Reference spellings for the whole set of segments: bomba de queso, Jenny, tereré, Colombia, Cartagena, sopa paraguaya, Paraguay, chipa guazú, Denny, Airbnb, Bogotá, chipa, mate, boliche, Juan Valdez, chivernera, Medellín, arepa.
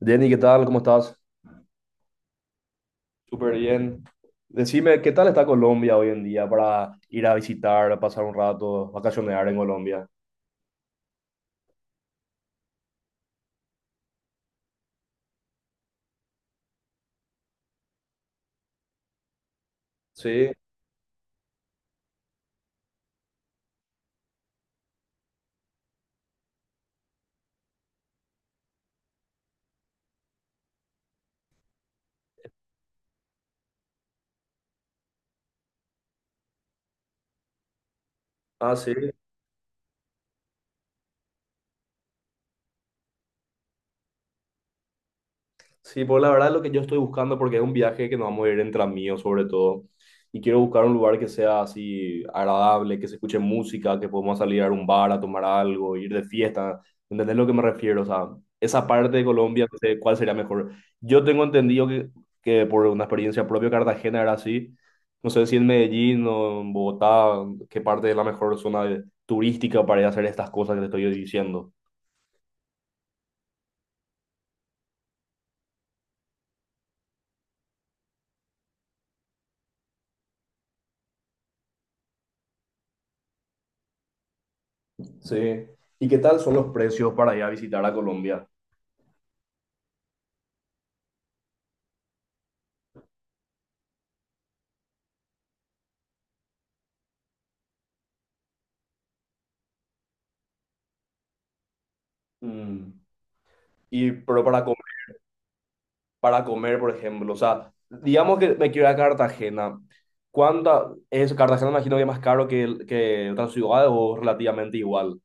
Denny, ¿qué tal? ¿Cómo estás? Súper bien. Decime, ¿qué tal está Colombia hoy en día para ir a visitar, pasar un rato, vacacionar en Colombia? Sí, ah, sí. Sí, pues la verdad es lo que yo estoy buscando, porque es un viaje que nos vamos a ir entre amigos sobre todo, y quiero buscar un lugar que sea así agradable, que se escuche música, que podamos salir a un bar a tomar algo, ir de fiesta, ¿entendés lo que me refiero? O sea, esa parte de Colombia, no sé cuál sería mejor. Yo tengo entendido que por una experiencia propia Cartagena era así, no sé si en Medellín o en Bogotá, qué parte es la mejor zona de- turística para ir a hacer estas cosas que te estoy diciendo. Sí. ¿Y qué tal son los precios para ir a visitar a Colombia? Mm. Y, pero para comer, por ejemplo, o sea, digamos que me quiero ir a Cartagena. ¿Cuánta es Cartagena? Me imagino que es más caro que, el- que otras ciudades o relativamente igual.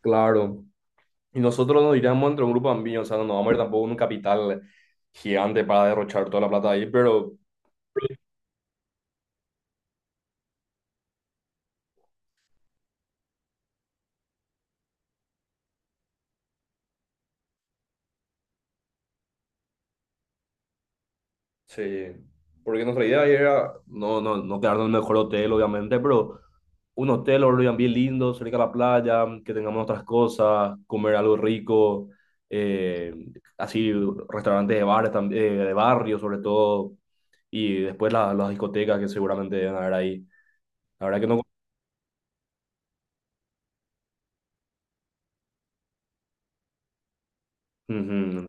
Claro. Y nosotros nos iríamos entre un grupo amplio, o sea, no nos vamos a ir tampoco a un capital gigante para derrochar toda la plata ahí, pero sí. Porque nuestra idea era no quedarnos en el mejor hotel, obviamente, pero un hotel o Airbnb lindo, cerca de la playa, que tengamos nuestras cosas, comer algo rico, eh, así restaurantes de bares, de barrio sobre todo, y después la- las discotecas que seguramente deben haber ahí. La verdad que no... Ujú.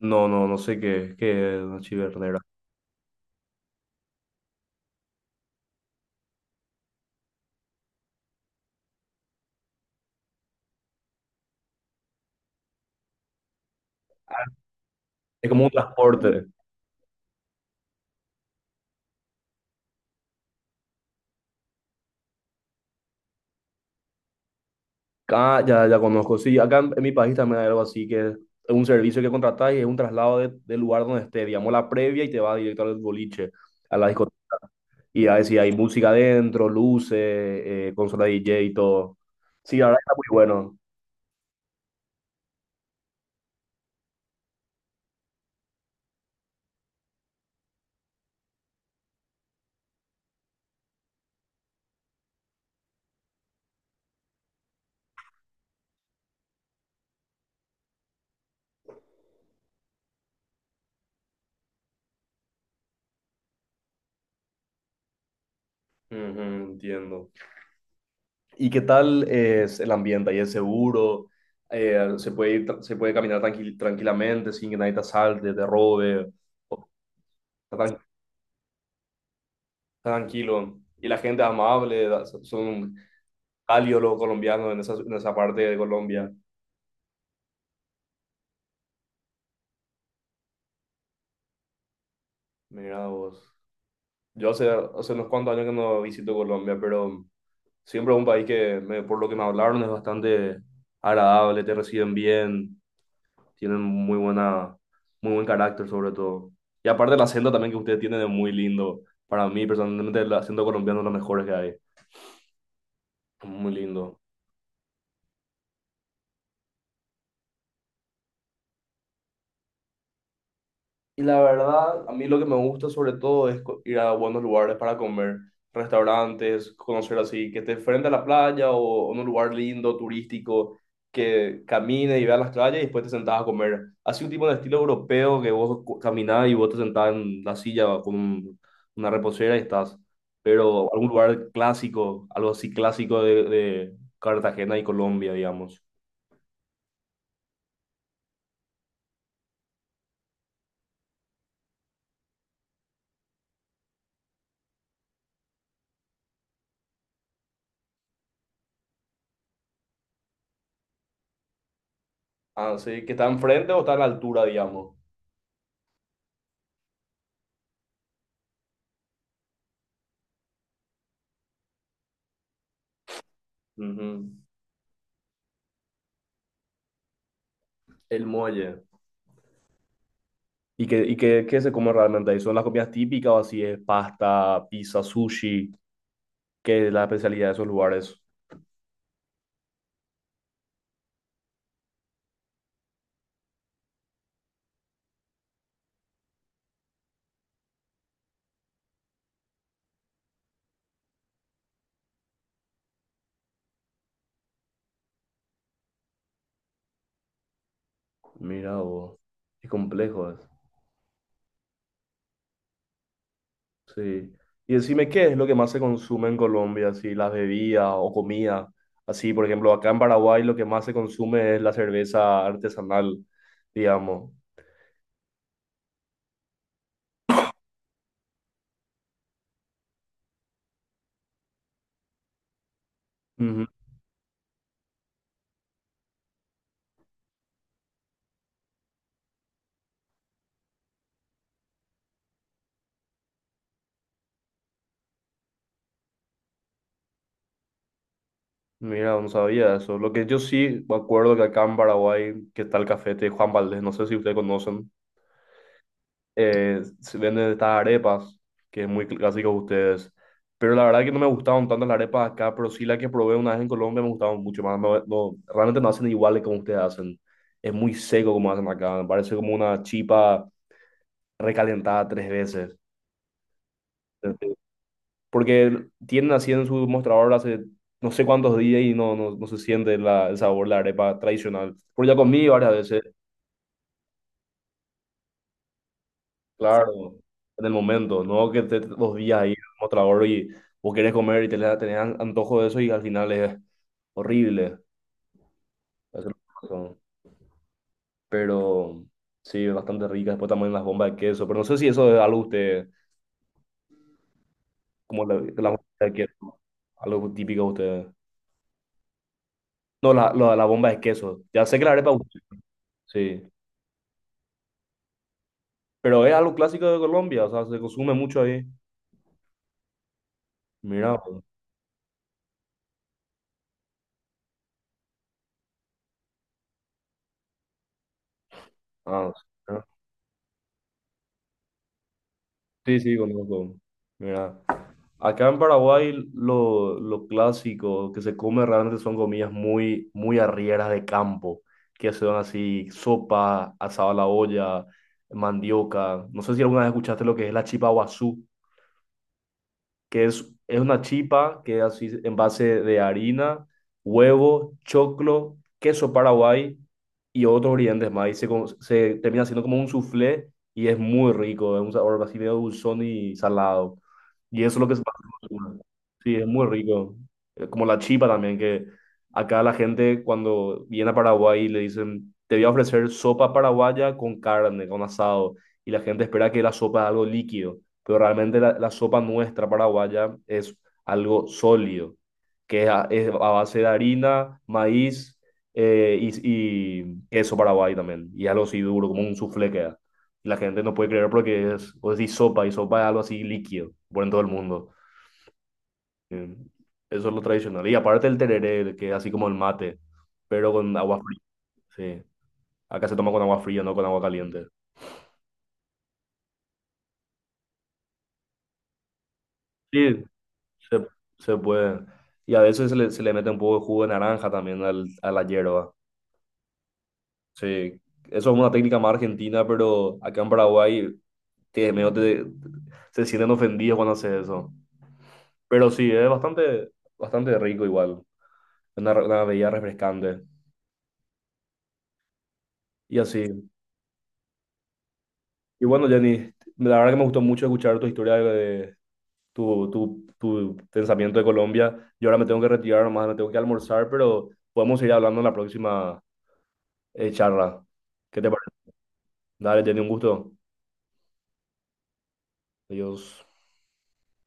No, no, no sé qué es una chivernera. Es como un transporte. Ah, ya, ya conozco. Sí, acá en mi país también hay algo así, que es un servicio que contratás y es un traslado de- del lugar donde esté, digamos, la previa y te va directo al boliche, a la discoteca. Y a veces hay música adentro, luces, consola DJ y todo. Sí, la verdad está muy bueno. Ujú, entiendo. ¿Y qué tal es el ambiente? ¿Ahí es seguro? ¿Se puede ir tra- se puede caminar tranqui- tranquilamente sin que nadie te asalte, te robe? O- está tran- está tranquilo. Y la gente es amable, da- so, son cálidos los colombianos en en esa parte de Colombia. Mira vos. Yo hace, hace unos cuantos años que no visito Colombia, pero siempre es un país que, me- por lo que me hablaron, es bastante agradable, te reciben bien, tienen muy buena, muy buen carácter sobre todo. Y aparte el acento también que ustedes tienen es muy lindo. Para mí, personalmente, el acento colombiano es lo mejor que hay. Muy lindo. Y la verdad, a mí lo que me gusta sobre todo es co- ir a buenos lugares para comer, restaurantes, conocer así, que esté frente a la playa o en un lugar lindo, turístico, que camine y vea las calles y después te sentás a comer. Así un tipo de estilo europeo que vos cu- caminás y vos te sentás en la silla con un- una reposera y estás. Pero algún lugar clásico, algo así clásico de Cartagena y Colombia, digamos. Ah sí, ¿que está enfrente o está a la altura, digamos? Ujú. El muelle. Y qué, qué se come realmente ahí? ¿Son las comidas típicas o así es pasta, pizza, sushi? ¿Qué es la especialidad de esos lugares? Mira, vos, qué complejo es. Sí. Y decime, ¿qué es lo que más se consume en Colombia? Así, las bebidas o comida. Así, por ejemplo, acá en Paraguay lo que más se consume es la cerveza artesanal, digamos. Ujú. Mira, no sabía eso. Lo que yo sí me acuerdo que acá en Paraguay, que está el café de Juan Valdez, no sé si ustedes conocen. Eh, se venden estas arepas, que es muy cl- clásico de ustedes. Pero la verdad que no me gustaban tanto las arepas acá, pero sí la que probé una vez en Colombia me gustaban mucho más. No, no- realmente no hacen iguales como ustedes hacen. Es muy seco como hacen acá. Me parece como una chipa recalentada tres veces. Este, porque tienen así en su mostrador hace no sé cuántos días y no, no, no se siente la- el sabor de la arepa tradicional. Porque ya comí varias veces. Claro, en el momento, no que te dos días ahí como trabajador y vos querés comer y te le- tenés an- antojo de eso y al final es horrible. Eso es lo que son. Pero sí, es bastante rica. Después también las bombas de queso. Pero no sé si eso es algo usted, como la bomba de queso, algo típico de ustedes. No, la bomba de queso. Ya sé que la arepa, es ustedes, sí. Pero es algo clásico de Colombia, o sea, se consume mucho ahí. Mira, pues. Ah, sí, sí, sí, conozco. Mira. Acá en Paraguay lo clásico que se come realmente son comidas muy, muy arrieras de campo, que son así sopa, asado a la olla, mandioca. No sé si alguna vez escuchaste lo que es la chipa guazú, que es una chipa que es así en base de harina, huevo, choclo, queso paraguay y otros ingredientes más. Y se, co- se termina haciendo como un soufflé y es muy rico, es un sabor así medio dulzón y salado. Y eso es lo que se pasa. Sí, es muy rico. Como la chipa también, que acá la gente cuando viene a Paraguay le dicen, te voy a ofrecer sopa paraguaya con carne, con asado. Y la gente espera que la sopa es algo líquido, pero realmente la sopa nuestra paraguaya es algo sólido, que es a base de harina, maíz, y queso paraguay también, y algo así duro, como un soufflé queda. Y la gente no puede creer porque es, o decís sopa, y sopa es algo así líquido, por en todo el mundo. Eh, Eso es lo tradicional. Y aparte el tereré, que es así como el mate, pero con agua fría, sí. Acá se toma con agua fría, no con agua caliente. Sí, Se, se puede. Y a veces se le mete un poco de jugo de naranja también a la hierba. Sí, eso es una técnica más argentina, pero acá en Paraguay te, medio te- se sienten ofendidos cuando haces eso. Pero sí, es bastante, bastante rico igual. Una, re- una bebida refrescante. Y así. Y bueno, Jenny, la verdad que me gustó mucho escuchar tu historia de tu pensamiento de Colombia. Yo ahora me tengo que retirar, nomás me tengo que almorzar, pero podemos seguir hablando en la próxima charla. ¿Qué te parece? Dale, te doy un gusto. Adiós.